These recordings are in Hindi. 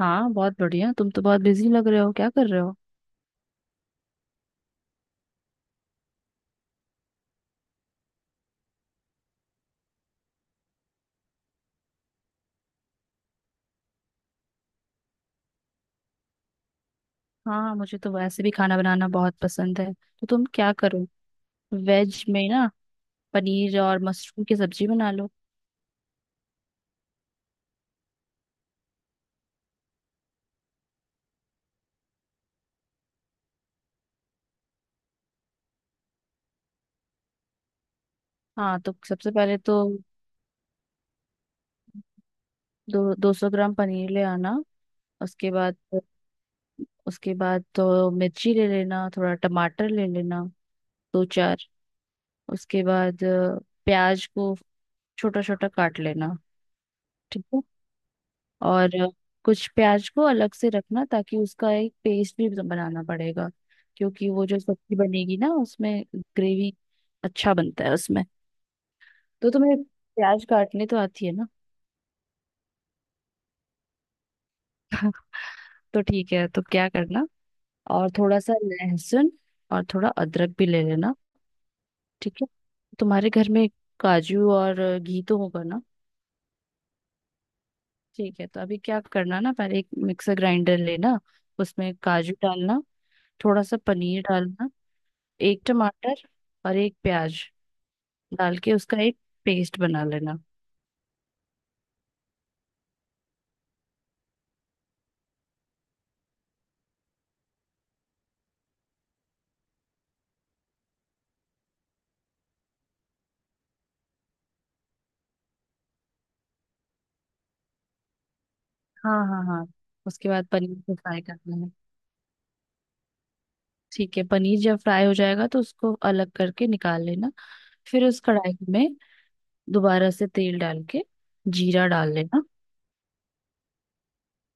हाँ बहुत बढ़िया। तुम तो बहुत बिजी लग रहे हो, क्या कर रहे हो? हाँ, मुझे तो वैसे भी खाना बनाना बहुत पसंद है, तो तुम क्या करो, वेज में ना। पनीर और मशरूम की सब्जी बना लो। हाँ तो सबसे पहले तो दो दो सौ ग्राम पनीर ले आना। उसके बाद तो मिर्ची ले लेना, थोड़ा टमाटर ले लेना, दो चार। उसके बाद प्याज को छोटा छोटा काट लेना, ठीक है। और कुछ प्याज को अलग से रखना, ताकि उसका एक पेस्ट भी बनाना पड़ेगा। क्योंकि वो जो सब्जी बनेगी ना, उसमें ग्रेवी अच्छा बनता है उसमें। तो तुम्हें प्याज काटने तो आती है ना? तो ठीक है, तो क्या करना, और थोड़ा सा लहसुन और थोड़ा अदरक भी ले लेना। ठीक है। तुम्हारे घर में काजू और घी तो होगा ना? ठीक है, तो अभी क्या करना ना, पहले एक मिक्सर ग्राइंडर लेना। उसमें काजू डालना, थोड़ा सा पनीर डालना, एक टमाटर और एक प्याज डाल के उसका एक पेस्ट बना लेना। हाँ हाँ हाँ। उसके बाद पनीर को फ्राई करना है। ठीक है, पनीर जब फ्राई हो जाएगा तो उसको अलग करके निकाल लेना। फिर उस कढ़ाई में दोबारा से तेल डाल के जीरा डाल लेना।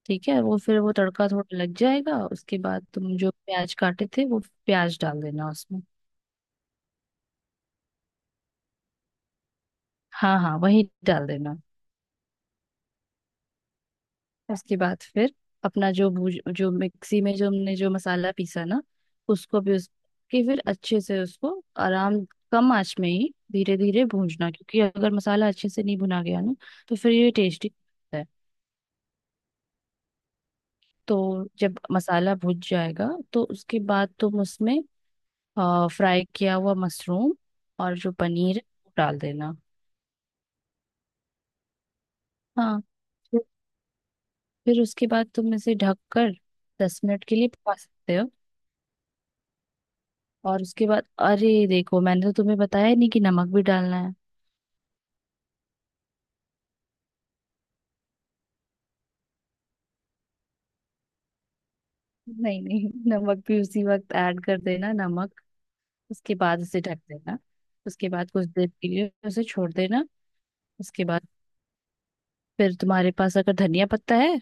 ठीक है, वो फिर वो तड़का थोड़ा लग जाएगा, उसके बाद तुम जो प्याज काटे थे वो प्याज डाल देना उसमें। हाँ हाँ, वही डाल देना। उसके बाद फिर अपना जो भूज जो मिक्सी में जो हमने जो मसाला पीसा ना, उसको भी उसके फिर अच्छे से उसको आराम, कम आंच में ही धीरे धीरे भूनना। क्योंकि अगर मसाला अच्छे से नहीं भुना गया ना, तो फिर ये टेस्टी है। तो जब मसाला भुन जाएगा तो उसके बाद तुम उसमें फ्राई किया हुआ मशरूम और जो पनीर है वो डाल देना। हाँ, फिर फिर उसके बाद तुम इसे ढक कर 10 मिनट के लिए पका सकते हो। और उसके बाद अरे देखो, मैंने तो तुम्हें बताया ही नहीं कि नमक भी डालना है। नहीं नहीं, नमक भी उसी वक्त ऐड कर देना, नमक। उसके बाद उसे ढक देना। उसके बाद कुछ देर के लिए उसे छोड़ देना। उसके बाद फिर तुम्हारे पास अगर धनिया पत्ता है,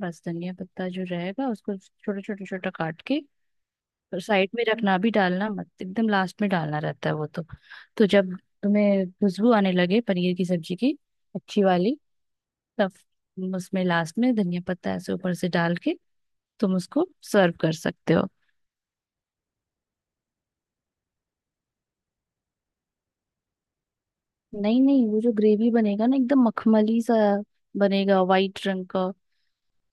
बस धनिया पत्ता जो रहेगा उसको छोटा छोटा छोटा काट के और साइड में रखना, भी डालना मत, एकदम लास्ट में डालना रहता है वो तो। तो जब तुम्हें खुशबू आने लगे पनीर की सब्जी की अच्छी वाली, तब उसमें लास्ट में धनिया पत्ता ऐसे ऊपर से डाल के तुम उसको सर्व कर सकते हो। नहीं नहीं, वो जो ग्रेवी बनेगा ना एकदम मखमली सा बनेगा, वाइट रंग का।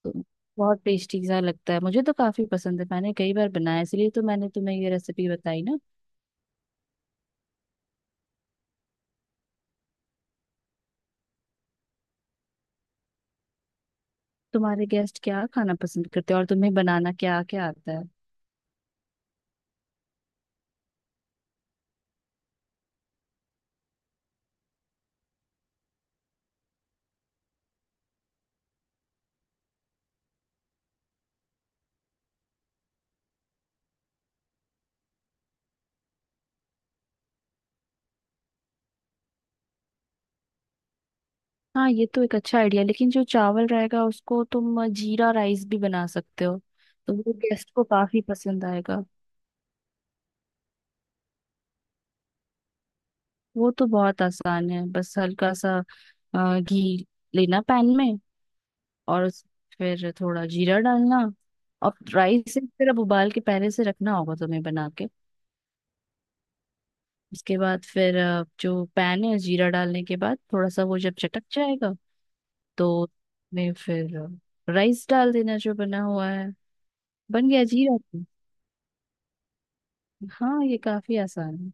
तो बहुत टेस्टी सा लगता है, मुझे तो काफी पसंद है, मैंने कई बार बनाया, इसलिए तो मैंने तुम्हें ये रेसिपी बताई ना। तुम्हारे गेस्ट क्या खाना पसंद करते हैं और तुम्हें बनाना क्या क्या आता है? हाँ ये तो एक अच्छा आइडिया, लेकिन जो चावल रहेगा उसको तुम जीरा राइस भी बना सकते हो। तो वो गेस्ट को काफी पसंद आएगा। वो तो बहुत आसान है, बस हल्का सा घी लेना पैन में। और फिर थोड़ा जीरा डालना। और राइस फिर अब उबाल के पहले से रखना होगा तुम्हें बना के। उसके बाद फिर जो पैन है जीरा डालने के बाद थोड़ा सा वो जब चटक जाएगा, तो उसमें फिर राइस डाल देना जो बना हुआ है। बन गया जीरा तो। हाँ ये काफी आसान है।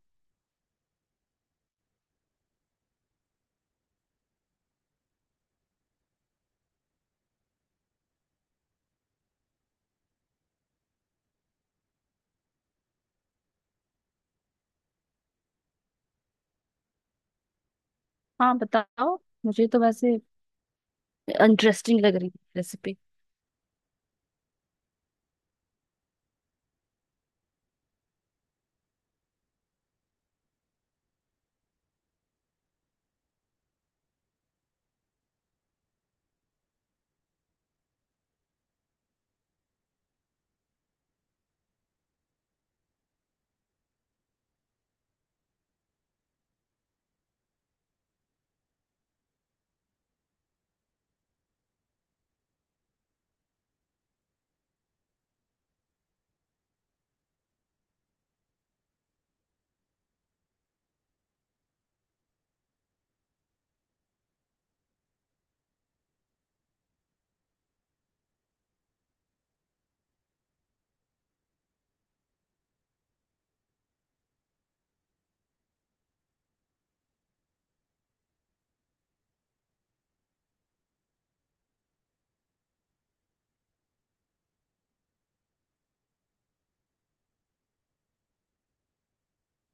हाँ बताओ, मुझे तो वैसे इंटरेस्टिंग लग रही है रेसिपी।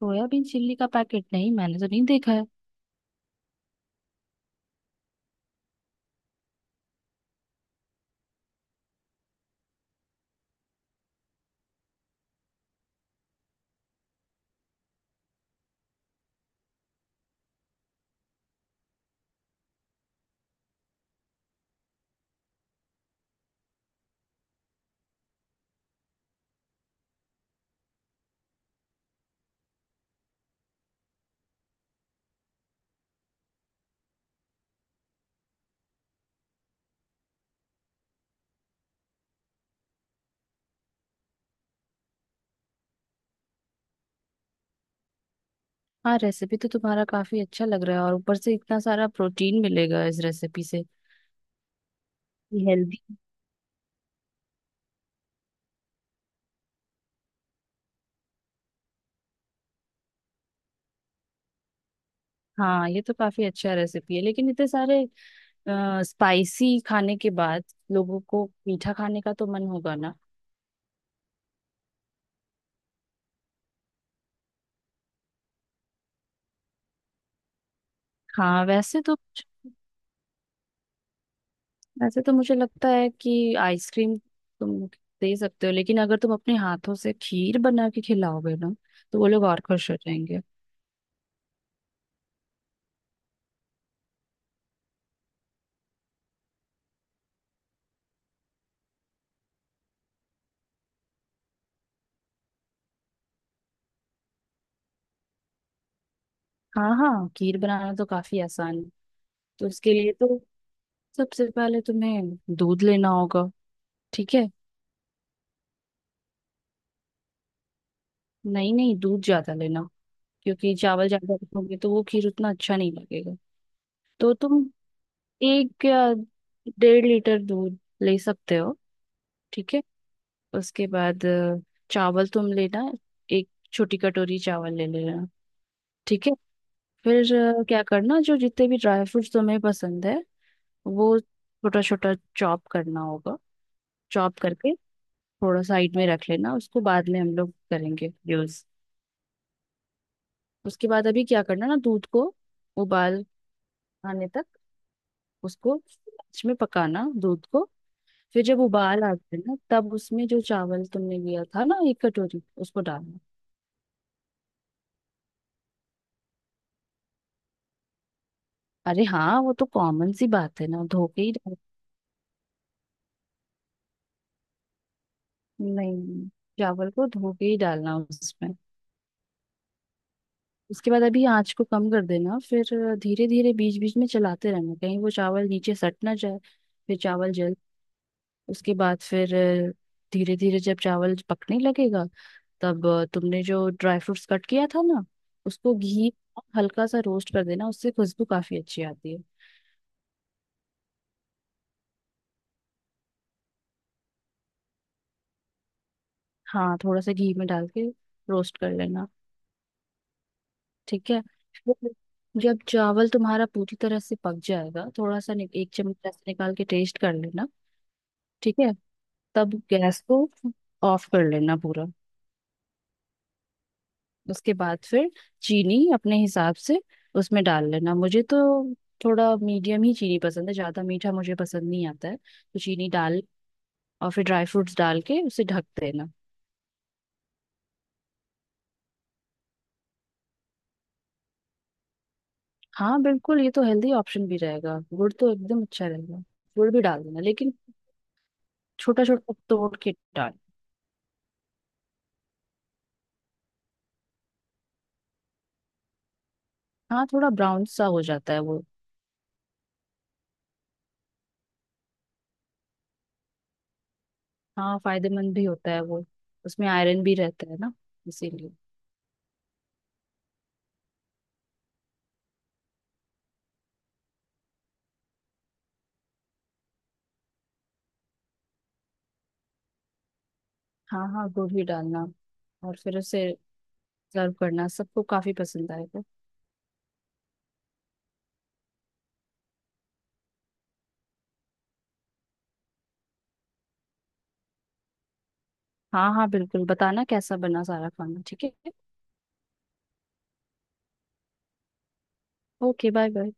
सोयाबीन चिल्ली का पैकेट नहीं, मैंने तो नहीं देखा है। हाँ रेसिपी तो तुम्हारा काफी अच्छा लग रहा है, और ऊपर से इतना सारा प्रोटीन मिलेगा इस रेसिपी से। ये हेल्दी। हाँ ये तो काफी अच्छा रेसिपी है, लेकिन इतने सारे स्पाइसी खाने के बाद लोगों को मीठा खाने का तो मन होगा ना। हाँ, वैसे तो मुझे लगता है कि आइसक्रीम तुम दे सकते हो, लेकिन अगर तुम अपने हाथों से खीर बना के खिलाओगे ना, तो वो लोग और खुश हो जाएंगे। हाँ हाँ, खीर बनाना तो काफी आसान है। तो उसके लिए तो सबसे पहले तुम्हें दूध लेना होगा। ठीक है, नहीं नहीं, दूध ज्यादा लेना, क्योंकि चावल ज्यादा रखोगे तो वो खीर उतना अच्छा नहीं लगेगा। तो तुम एक या 1.5 लीटर दूध ले सकते हो। ठीक है। उसके बाद चावल तुम लेना, एक छोटी कटोरी चावल ले लेना। ठीक है। फिर क्या करना, जो जितने भी ड्राई फ्रूट्स तुम्हें पसंद है वो छोटा छोटा चॉप करना होगा। चॉप करके थोड़ा साइड में रख लेना, उसको बाद में हम लोग करेंगे यूज। उसके बाद अभी क्या करना ना, दूध को उबाल आने तक, उसको लास्ट में पकाना दूध को। फिर जब उबाल आ जाए ना, तब उसमें जो चावल तुमने लिया था ना एक कटोरी, उसको डालना। अरे हाँ, वो तो कॉमन सी बात है ना, धो के ही डाल। नहीं, चावल को धो के ही डालना उसमें। उसके बाद अभी आंच को कम कर देना। फिर धीरे धीरे बीच बीच में चलाते रहना, कहीं वो चावल नीचे सट ना जाए। फिर चावल जल उसके बाद फिर धीरे धीरे जब चावल पकने लगेगा, तब तुमने जो ड्राई फ्रूट्स कट किया था ना उसको घी में हल्का सा रोस्ट कर देना, उससे खुशबू काफी अच्छी आती है। हाँ थोड़ा सा घी में डाल के रोस्ट कर लेना। ठीक है। फिर जब चावल तुम्हारा पूरी तरह से पक जाएगा, थोड़ा सा एक चम्मच ऐसे निकाल के टेस्ट कर लेना। ठीक है। तब गैस को ऑफ कर लेना पूरा। उसके बाद फिर चीनी अपने हिसाब से उसमें डाल लेना। मुझे तो थोड़ा मीडियम ही चीनी पसंद है, ज्यादा मीठा मुझे पसंद नहीं आता है, तो चीनी डाल, और फिर ड्राई फ्रूट्स डाल के उसे ढक देना। हाँ बिल्कुल, ये तो हेल्दी ऑप्शन भी रहेगा, गुड़ तो एकदम अच्छा रहेगा। गुड़ भी डाल देना, लेकिन छोटा छोटा तोड़ के डाल। हाँ थोड़ा ब्राउन सा हो जाता है वो। हाँ फायदेमंद भी होता है वो, उसमें आयरन भी रहता है ना, इसीलिए। हाँ हाँ, गुड़ भी डालना, और फिर उसे सर्व करना, सबको काफी पसंद आएगा। हाँ हाँ बिल्कुल, बताना कैसा बना सारा खाना, ठीक है? Okay bye bye.